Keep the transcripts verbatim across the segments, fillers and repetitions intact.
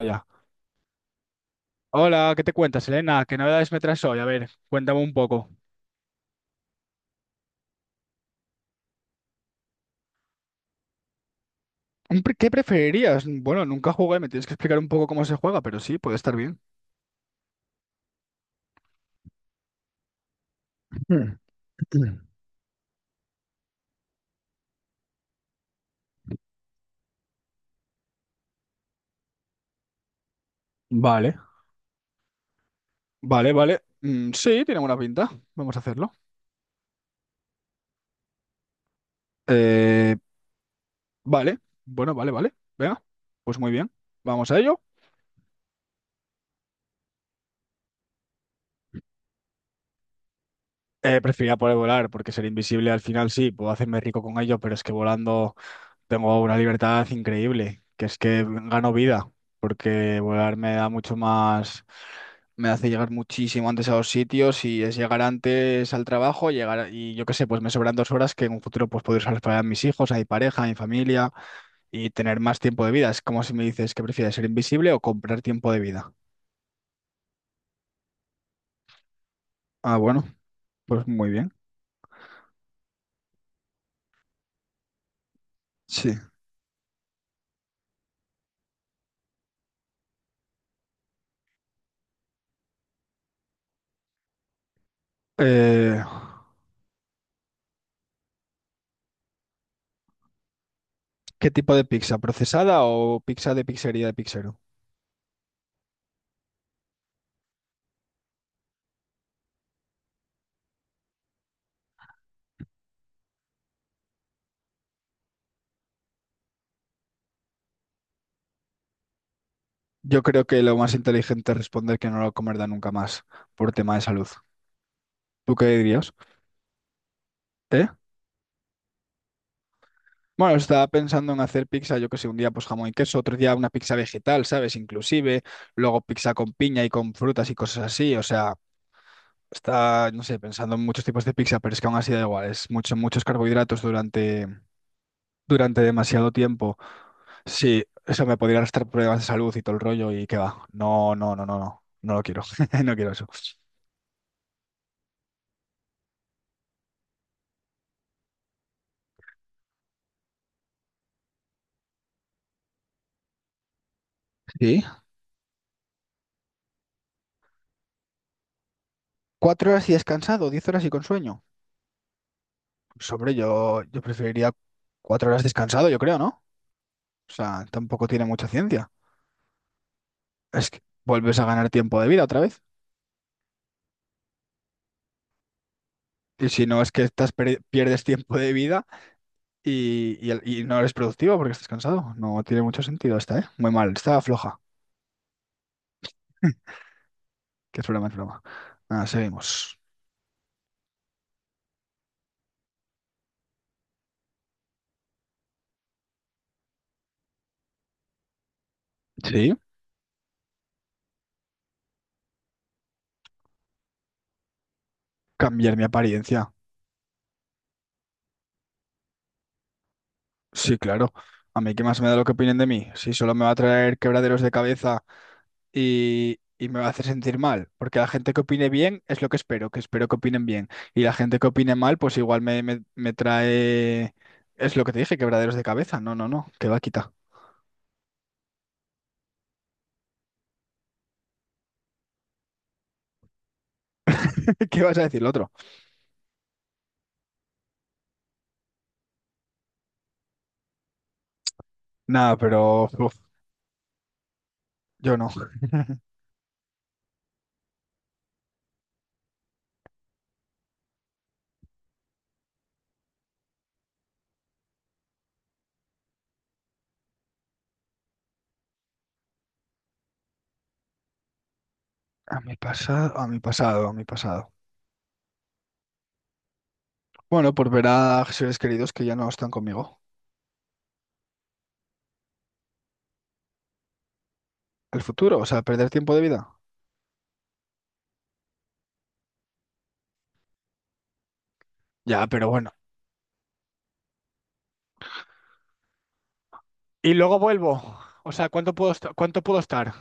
Ya. Hola, ¿qué te cuentas, Elena? ¿Qué novedades me traes hoy? A ver, cuéntame un poco. Un pre- ¿Qué preferirías? Bueno, nunca jugué, me tienes que explicar un poco cómo se juega, pero sí, puede estar bien. Mm, mm. Vale. Vale, vale. Mm, sí, tiene buena pinta. Vamos a hacerlo. Eh, vale. Bueno, vale, vale. Venga. Pues muy bien. Vamos a ello. Eh, preferiría poder volar, porque ser invisible al final sí, puedo hacerme rico con ello, pero es que volando tengo una libertad increíble, que es que gano vida, porque volar me da mucho más. Me hace llegar muchísimo antes a los sitios y es llegar antes al trabajo, llegar a- y yo qué sé, pues me sobran dos horas que en un futuro pues puedo usarlas para mis hijos, a mi pareja, a mi familia y tener más tiempo de vida. Es como si me dices que prefieres ser invisible o comprar tiempo de vida. Ah, bueno, pues muy bien. Sí. Eh, ¿qué tipo de pizza? ¿Procesada o pizza de pizzería de pizzero? Yo creo que lo más inteligente es responder que no lo comerá nunca más por tema de salud. ¿Tú qué dirías? ¿Eh? Bueno, estaba pensando en hacer pizza, yo que sé, un día pues jamón y queso, otro día una pizza vegetal, ¿sabes? Inclusive, luego pizza con piña y con frutas y cosas así, o sea, está, no sé, pensando en muchos tipos de pizza, pero es que aún así da igual, es mucho, muchos carbohidratos durante, durante demasiado tiempo. Sí, eso me podría arrastrar problemas de salud y todo el rollo y qué va. No, no, no, no, no, no lo quiero, no quiero eso. Sí, cuatro horas y descansado, diez horas y con sueño. Sobre yo, yo preferiría cuatro horas descansado, yo creo, ¿no? O sea, tampoco tiene mucha ciencia. Es que vuelves a ganar tiempo de vida otra vez. Y si no, es que estás per- pierdes tiempo de vida y, y el- y no eres productivo porque estás cansado. No tiene mucho sentido esta, ¿eh? Muy mal, está floja. Que es broma, es broma. Nada, seguimos. Sí, cambiar mi apariencia. Sí, claro. A mí qué más me da lo que opinen de mí. Si solo me va a traer quebraderos de cabeza y, y me va a hacer sentir mal, porque la gente que opine bien es lo que espero, que espero que opinen bien. Y la gente que opine mal, pues igual me, me, me trae, es lo que te dije, quebraderos de cabeza. No, no, no, que va, quita. ¿Qué vas a decir lo otro? Nada, pero uf, yo no. A mi pasado, a mi pasado, a mi pasado. Bueno, por ver a seres queridos que ya no están conmigo. El futuro, o sea, perder tiempo de vida. Ya, pero bueno. Y luego vuelvo. O sea, ¿cuánto puedo, est- ¿cuánto puedo estar?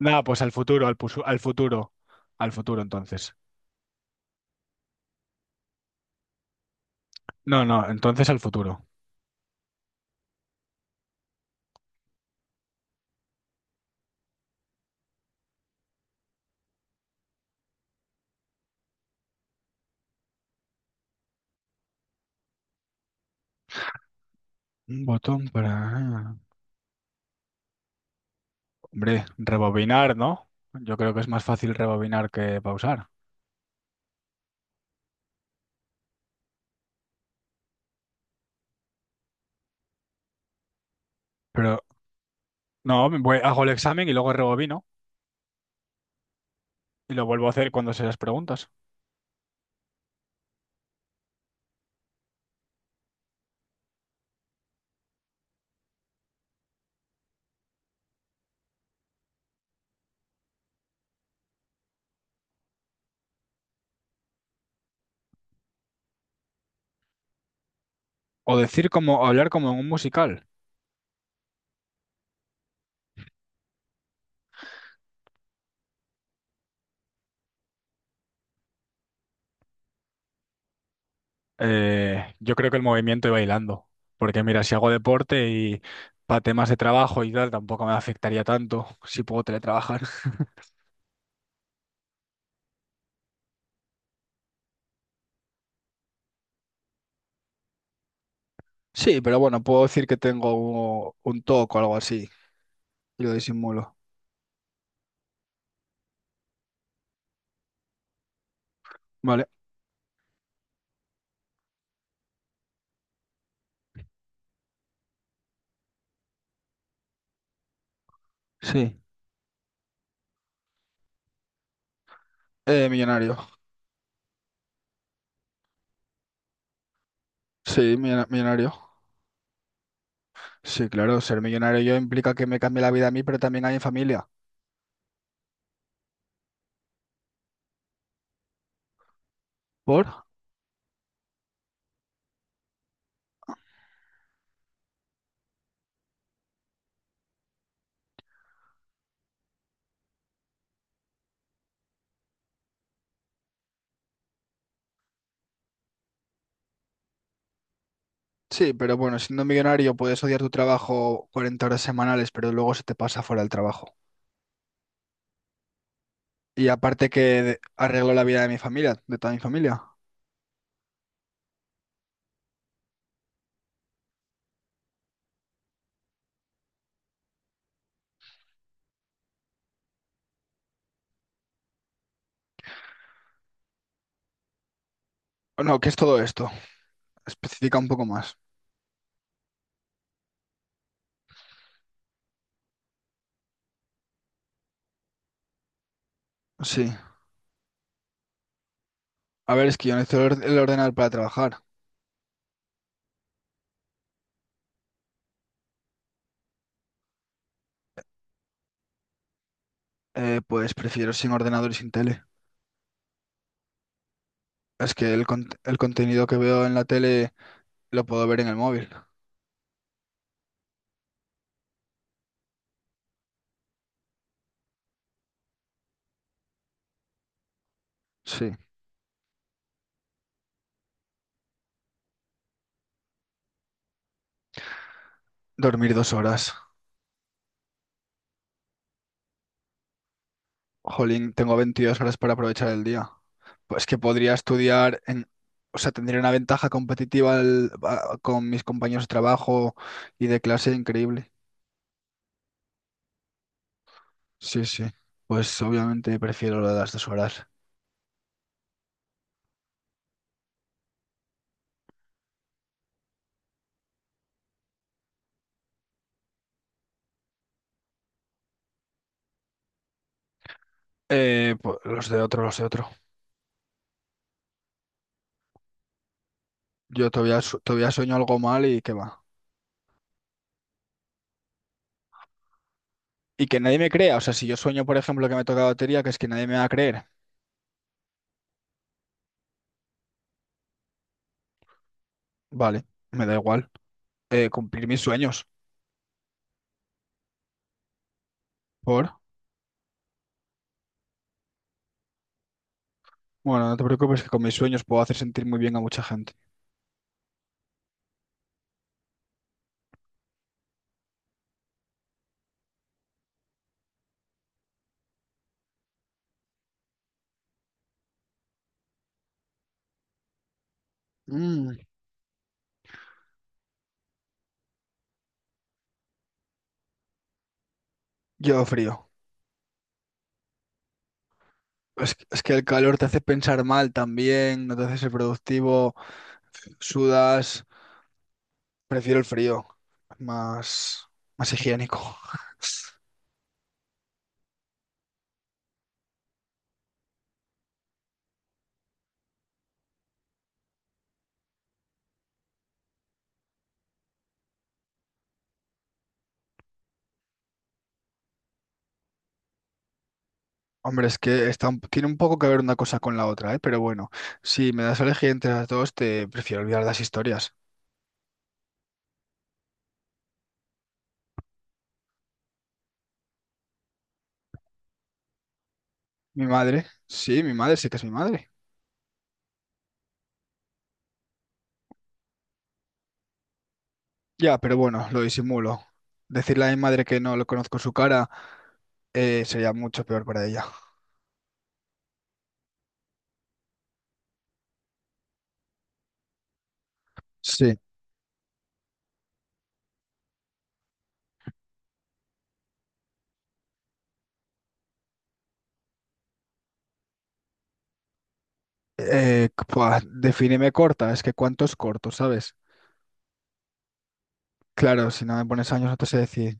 Nada, pues al futuro, al, pusu- al futuro, al futuro entonces. No, no, entonces al futuro. Un botón para... ah, Hombre, rebobinar, ¿no? Yo creo que es más fácil rebobinar que pausar. Pero no, me voy- hago el examen y luego rebobino y lo vuelvo a hacer cuando se las preguntas. O decir como, o hablar como en un musical. Eh, yo creo que el movimiento y bailando. Porque mira, si hago deporte y para temas de trabajo y tal, tampoco me afectaría tanto si puedo teletrabajar. Sí, pero bueno, puedo decir que tengo un, un T O C o algo así y lo disimulo. Vale, sí. Eh, millonario. Sí, millona- millonario. Sí, claro, ser millonario yo implica que me cambie la vida a mí, pero también a mi familia. ¿Por? Sí, pero bueno, siendo millonario puedes odiar tu trabajo cuarenta horas semanales, pero luego se te pasa fuera del trabajo. Y aparte que de- arreglo la vida de mi familia, de toda mi familia. O no, ¿qué es todo esto? Especifica un poco más. Sí. A ver, es que yo necesito el or- el ordenador para trabajar. Eh, pues prefiero sin ordenador y sin tele. Es que el, cont- el contenido que veo en la tele lo puedo ver en el móvil. Sí. Dormir dos horas. Jolín, tengo veintidós horas para aprovechar el día. Pues que podría estudiar en... O sea, tendría una ventaja competitiva al- a- con mis compañeros de trabajo y de clase increíble. Sí, sí. Pues obviamente prefiero lo de las dos horas. Eh, pues los de otro, los de otro. Yo todavía, su- todavía sueño algo mal y qué va. Y que nadie me crea. O sea, si yo sueño, por ejemplo, que me toca la lotería, que es que nadie me va a creer. Vale, me da igual. Eh, cumplir mis sueños. ¿Por? Bueno, no te preocupes que con mis sueños puedo hacer sentir muy bien a mucha gente. Mm. Yo frío. Es, es que el calor te hace pensar mal también, no te hace ser productivo, sudas. Prefiero el frío, más, más higiénico. Hombre, es que está un- tiene un poco que ver una cosa con la otra, ¿eh? Pero bueno, si me das a elegir entre las dos, te prefiero olvidar las historias. Mi madre, sí, mi madre sí que es mi madre. Ya, pero bueno, lo disimulo. Decirle a mi madre que no lo conozco su cara eh, sería mucho peor para ella. Sí. Eh, pua, defíneme corta, es que cuánto es corto, ¿sabes? Claro, si no me pones años no te sé decir.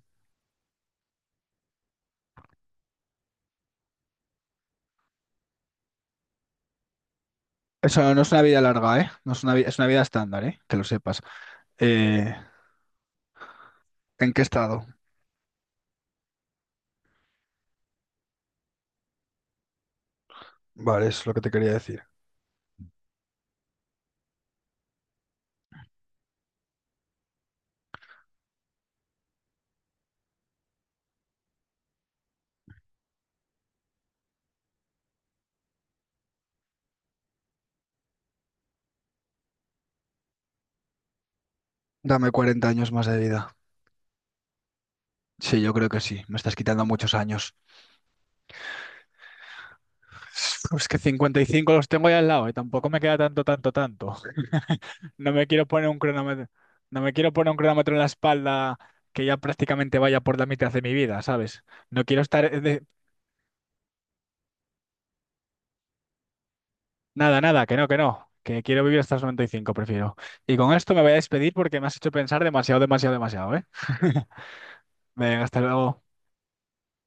Eso no es una vida larga, ¿eh? No es una, vi- es una vida estándar, ¿eh? Que lo sepas. Eh, ¿en qué estado? Vale, eso es lo que te quería decir. Dame cuarenta años más de vida. Sí, yo creo que sí. Me estás quitando muchos años. Pues que cincuenta y cinco los tengo ya al lado y tampoco me queda tanto, tanto, tanto. No me quiero poner un cronómetro, no me quiero poner un cronómetro en la espalda que ya prácticamente vaya por la mitad de mi vida, ¿sabes? No quiero estar Nada, nada, que no, que no, que quiero vivir hasta los noventa y cinco prefiero. Y con esto me voy a despedir porque me has hecho pensar demasiado, demasiado, demasiado, ¿eh? Venga, hasta luego.